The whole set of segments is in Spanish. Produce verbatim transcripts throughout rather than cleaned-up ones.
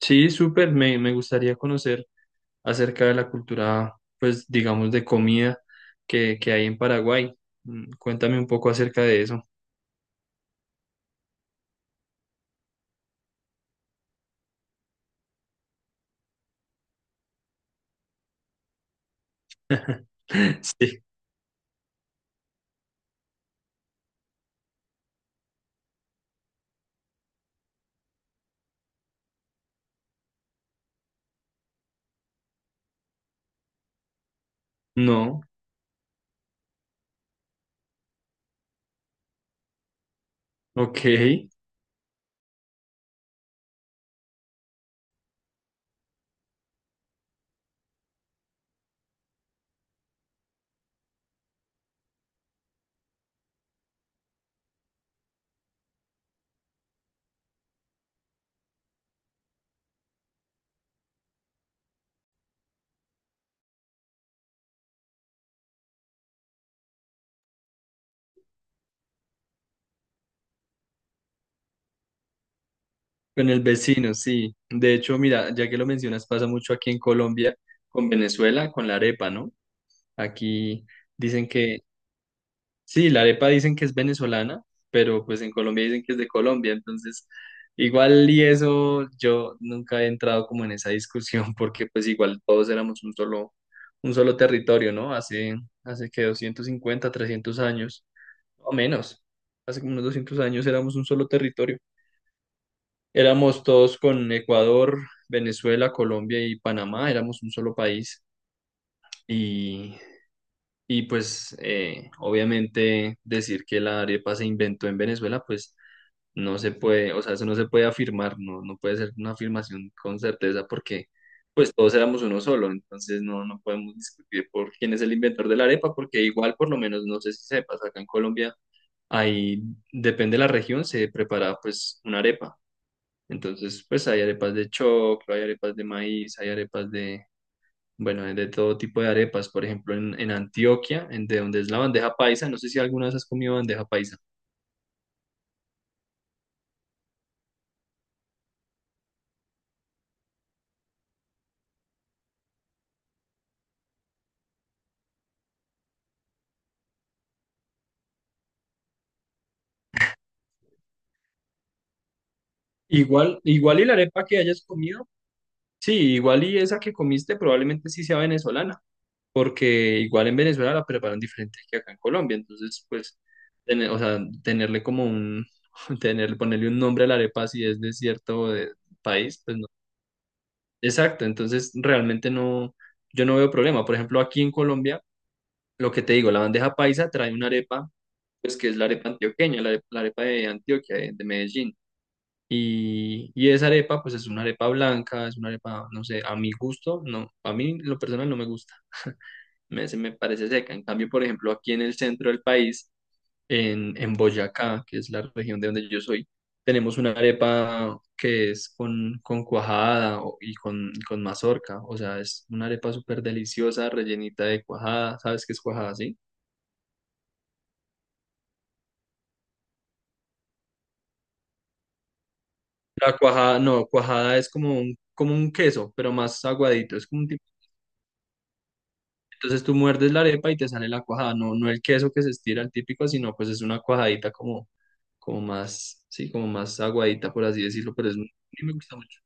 Sí, súper, me, me gustaría conocer acerca de la cultura, pues digamos, de comida que, que hay en Paraguay. Mm, Cuéntame un poco acerca de eso. Sí, no, ok, con el vecino, sí. De hecho, mira, ya que lo mencionas, pasa mucho aquí en Colombia, con Venezuela, con la arepa, ¿no? Aquí dicen que sí, la arepa dicen que es venezolana, pero pues en Colombia dicen que es de Colombia, entonces igual y eso yo nunca he entrado como en esa discusión porque pues igual todos éramos un solo, un solo territorio, ¿no? Hace, hace que doscientos cincuenta, trescientos años, o menos, hace como unos doscientos años éramos un solo territorio. Éramos todos con Ecuador, Venezuela, Colombia y Panamá, éramos un solo país. Y y pues eh, obviamente decir que la arepa se inventó en Venezuela, pues no se puede, o sea, eso no se puede afirmar, no, no puede ser una afirmación con certeza porque pues todos éramos uno solo, entonces no, no podemos discutir por quién es el inventor de la arepa, porque igual por lo menos no sé si sepas, acá en Colombia ahí depende de la región, se prepara pues una arepa. Entonces, pues hay arepas de choclo, hay arepas de maíz, hay arepas bueno, de todo tipo de arepas, por ejemplo, en, en Antioquia, en de donde es la bandeja paisa, no sé si alguna vez has comido bandeja paisa. Igual, igual y la arepa que hayas comido. Sí, igual y esa que comiste probablemente sí sea venezolana, porque igual en Venezuela la preparan diferente que acá en Colombia, entonces pues, tener- o sea, tenerle como un, tener, ponerle un nombre a la arepa si es de cierto eh, país, pues no. Exacto, entonces realmente no, yo no veo problema. Por ejemplo, aquí en Colombia lo que te digo, la bandeja paisa trae una arepa, pues que es la arepa antioqueña, la, are- la arepa de Antioquia, de, de Medellín. Y, y esa arepa, pues es una arepa blanca, es una arepa, no sé, a mi gusto, no, a mí lo personal no me gusta, me, se me parece seca. En cambio, por ejemplo, aquí en el centro del país, en, en Boyacá, que es la región de donde yo soy, tenemos una arepa que es con, con cuajada o- y con, con mazorca, o sea, es una arepa súper deliciosa, rellenita de cuajada, ¿sabes qué es cuajada, sí? La cuajada, no, cuajada es como un, como un queso, pero más aguadito, es como un tipo. Entonces tú muerdes la arepa y te sale la cuajada, no, no el queso que se estira el típico, sino pues es una cuajadita como, como más, sí, como más aguadita, por así decirlo, pero es, muy- a mí me gusta mucho.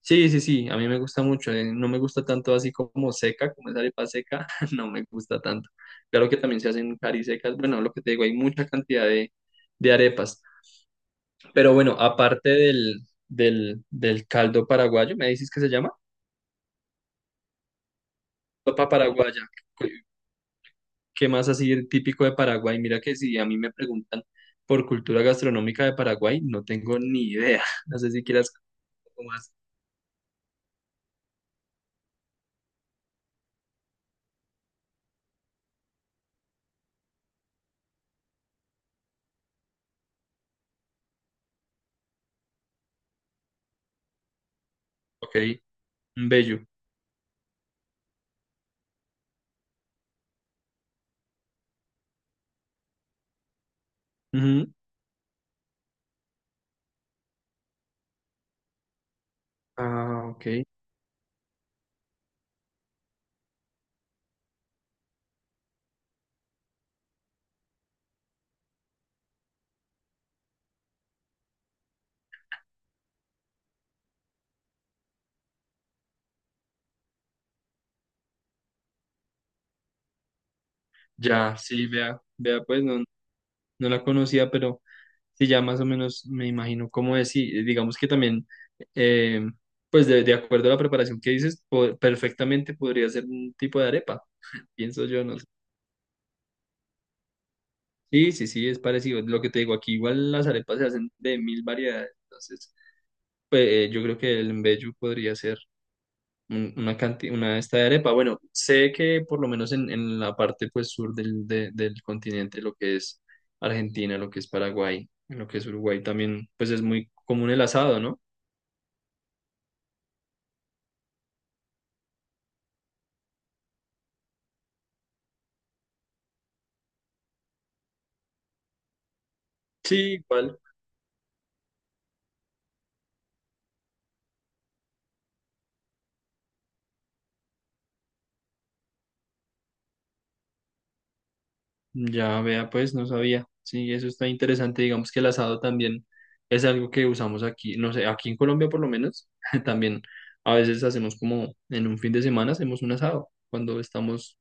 Sí, sí, sí, a mí me gusta mucho, eh, no me gusta tanto así como seca, como esa arepa seca, no me gusta tanto. Claro que también se hacen carisecas, bueno, lo que te digo, hay mucha cantidad de, de arepas. Pero bueno, aparte del, del, del caldo paraguayo, me dices que se llama. Sopa paraguaya. ¿Qué qué más así típico de Paraguay? Mira que si a mí me preguntan por cultura gastronómica de Paraguay, no tengo ni idea. No sé si quieras un poco más. Ok, un bello. Ujú. Ah, ok. Ya, sí, vea, vea, pues no, no la conocía, pero sí, ya más o menos me imagino cómo es. Y digamos que también, eh, pues de, de acuerdo a la preparación que dices, po- perfectamente podría ser un tipo de arepa, pienso yo, no. Sí, sí, sí, es parecido. Lo que te digo, aquí igual las arepas se hacen de mil variedades. Entonces, pues eh, yo creo que el mbejú podría ser un- una canti- una de esta de arepa. Bueno, sé que por lo menos en, en la parte pues sur del, de- del continente, lo que es Argentina, lo que es Paraguay, lo que es Uruguay también, pues es muy común el asado, ¿no? Sí, igual. Ya vea, pues no sabía. Sí, eso está interesante. Digamos que el asado también es algo que usamos aquí, no sé, aquí en Colombia por lo menos, también a veces hacemos como en un fin de semana hacemos un asado, cuando estamos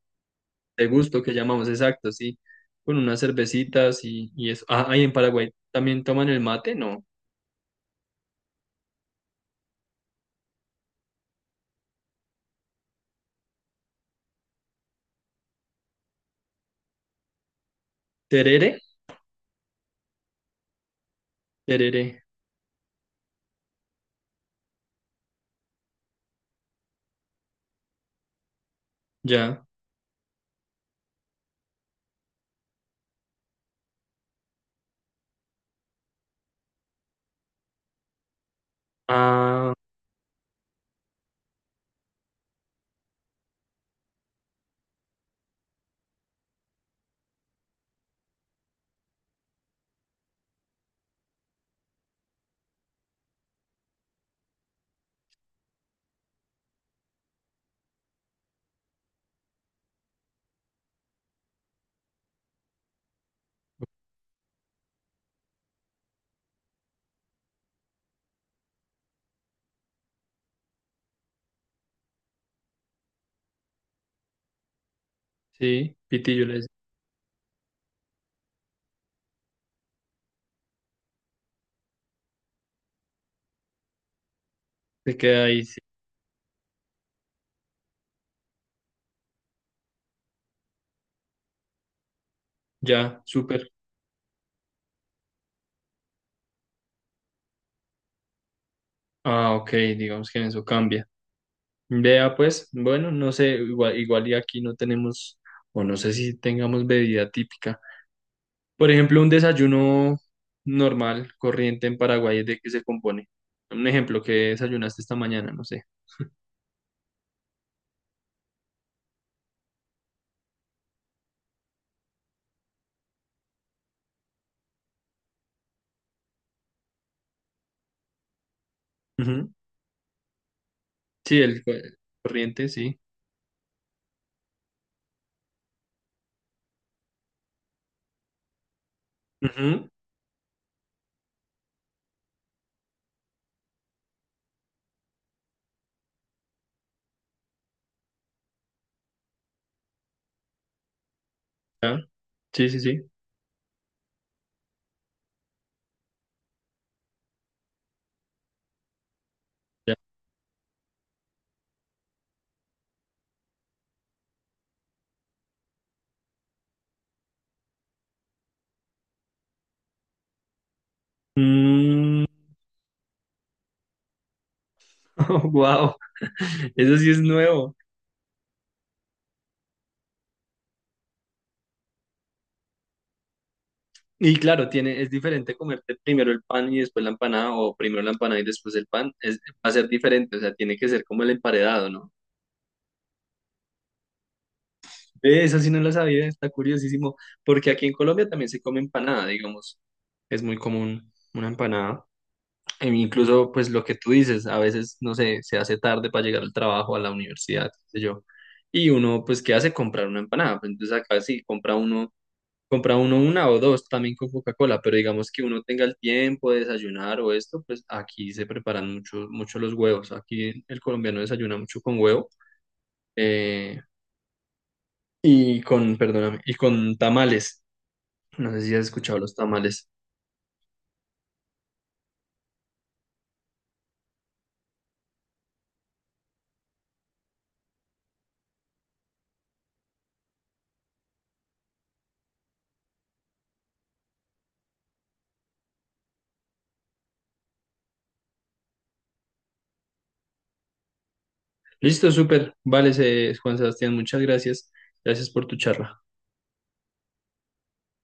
de gusto, que llamamos exacto, sí, con unas cervecitas y, y eso. Ah, ahí en Paraguay también toman el mate, ¿no? Terere, terere, ya. Ah, sí, pitillo les se queda ahí, sí. Ya, súper. Ah, ok, digamos que en eso cambia. Vea pues, bueno, no sé, igual, igual y aquí no tenemos, o no sé si tengamos bebida típica. Por ejemplo, un desayuno normal, corriente en Paraguay, ¿de qué se compone? Un ejemplo, ¿que desayunaste esta mañana? No sé. Ujú. Sí, el co- corriente, sí. Ujú. Ya. Sí, sí, sí. Ya. Mm, wow, eso sí es nuevo. Y claro, tiene, es diferente comerte primero el pan y después la empanada, o primero la empanada y después el pan, es, va a ser diferente, o sea, tiene que ser como el emparedado, ¿no? Ve, eso sí no lo sabía, está curiosísimo, porque aquí en Colombia también se come empanada, digamos, es muy común una empanada, e incluso pues lo que tú dices, a veces, no sé, se hace tarde para llegar al trabajo, a la universidad, qué sé yo, y uno pues, ¿qué hace? Comprar una empanada, pues, entonces acá sí compra uno compra uno una o dos también con Coca-Cola, pero digamos que uno tenga el tiempo de desayunar o esto, pues aquí se preparan mucho, mucho los huevos. Aquí el colombiano desayuna mucho con huevo eh, y con, perdóname, y con tamales. No sé si has escuchado los tamales. Listo, súper. Vale, se- Juan Sebastián, muchas gracias. Gracias por tu charla.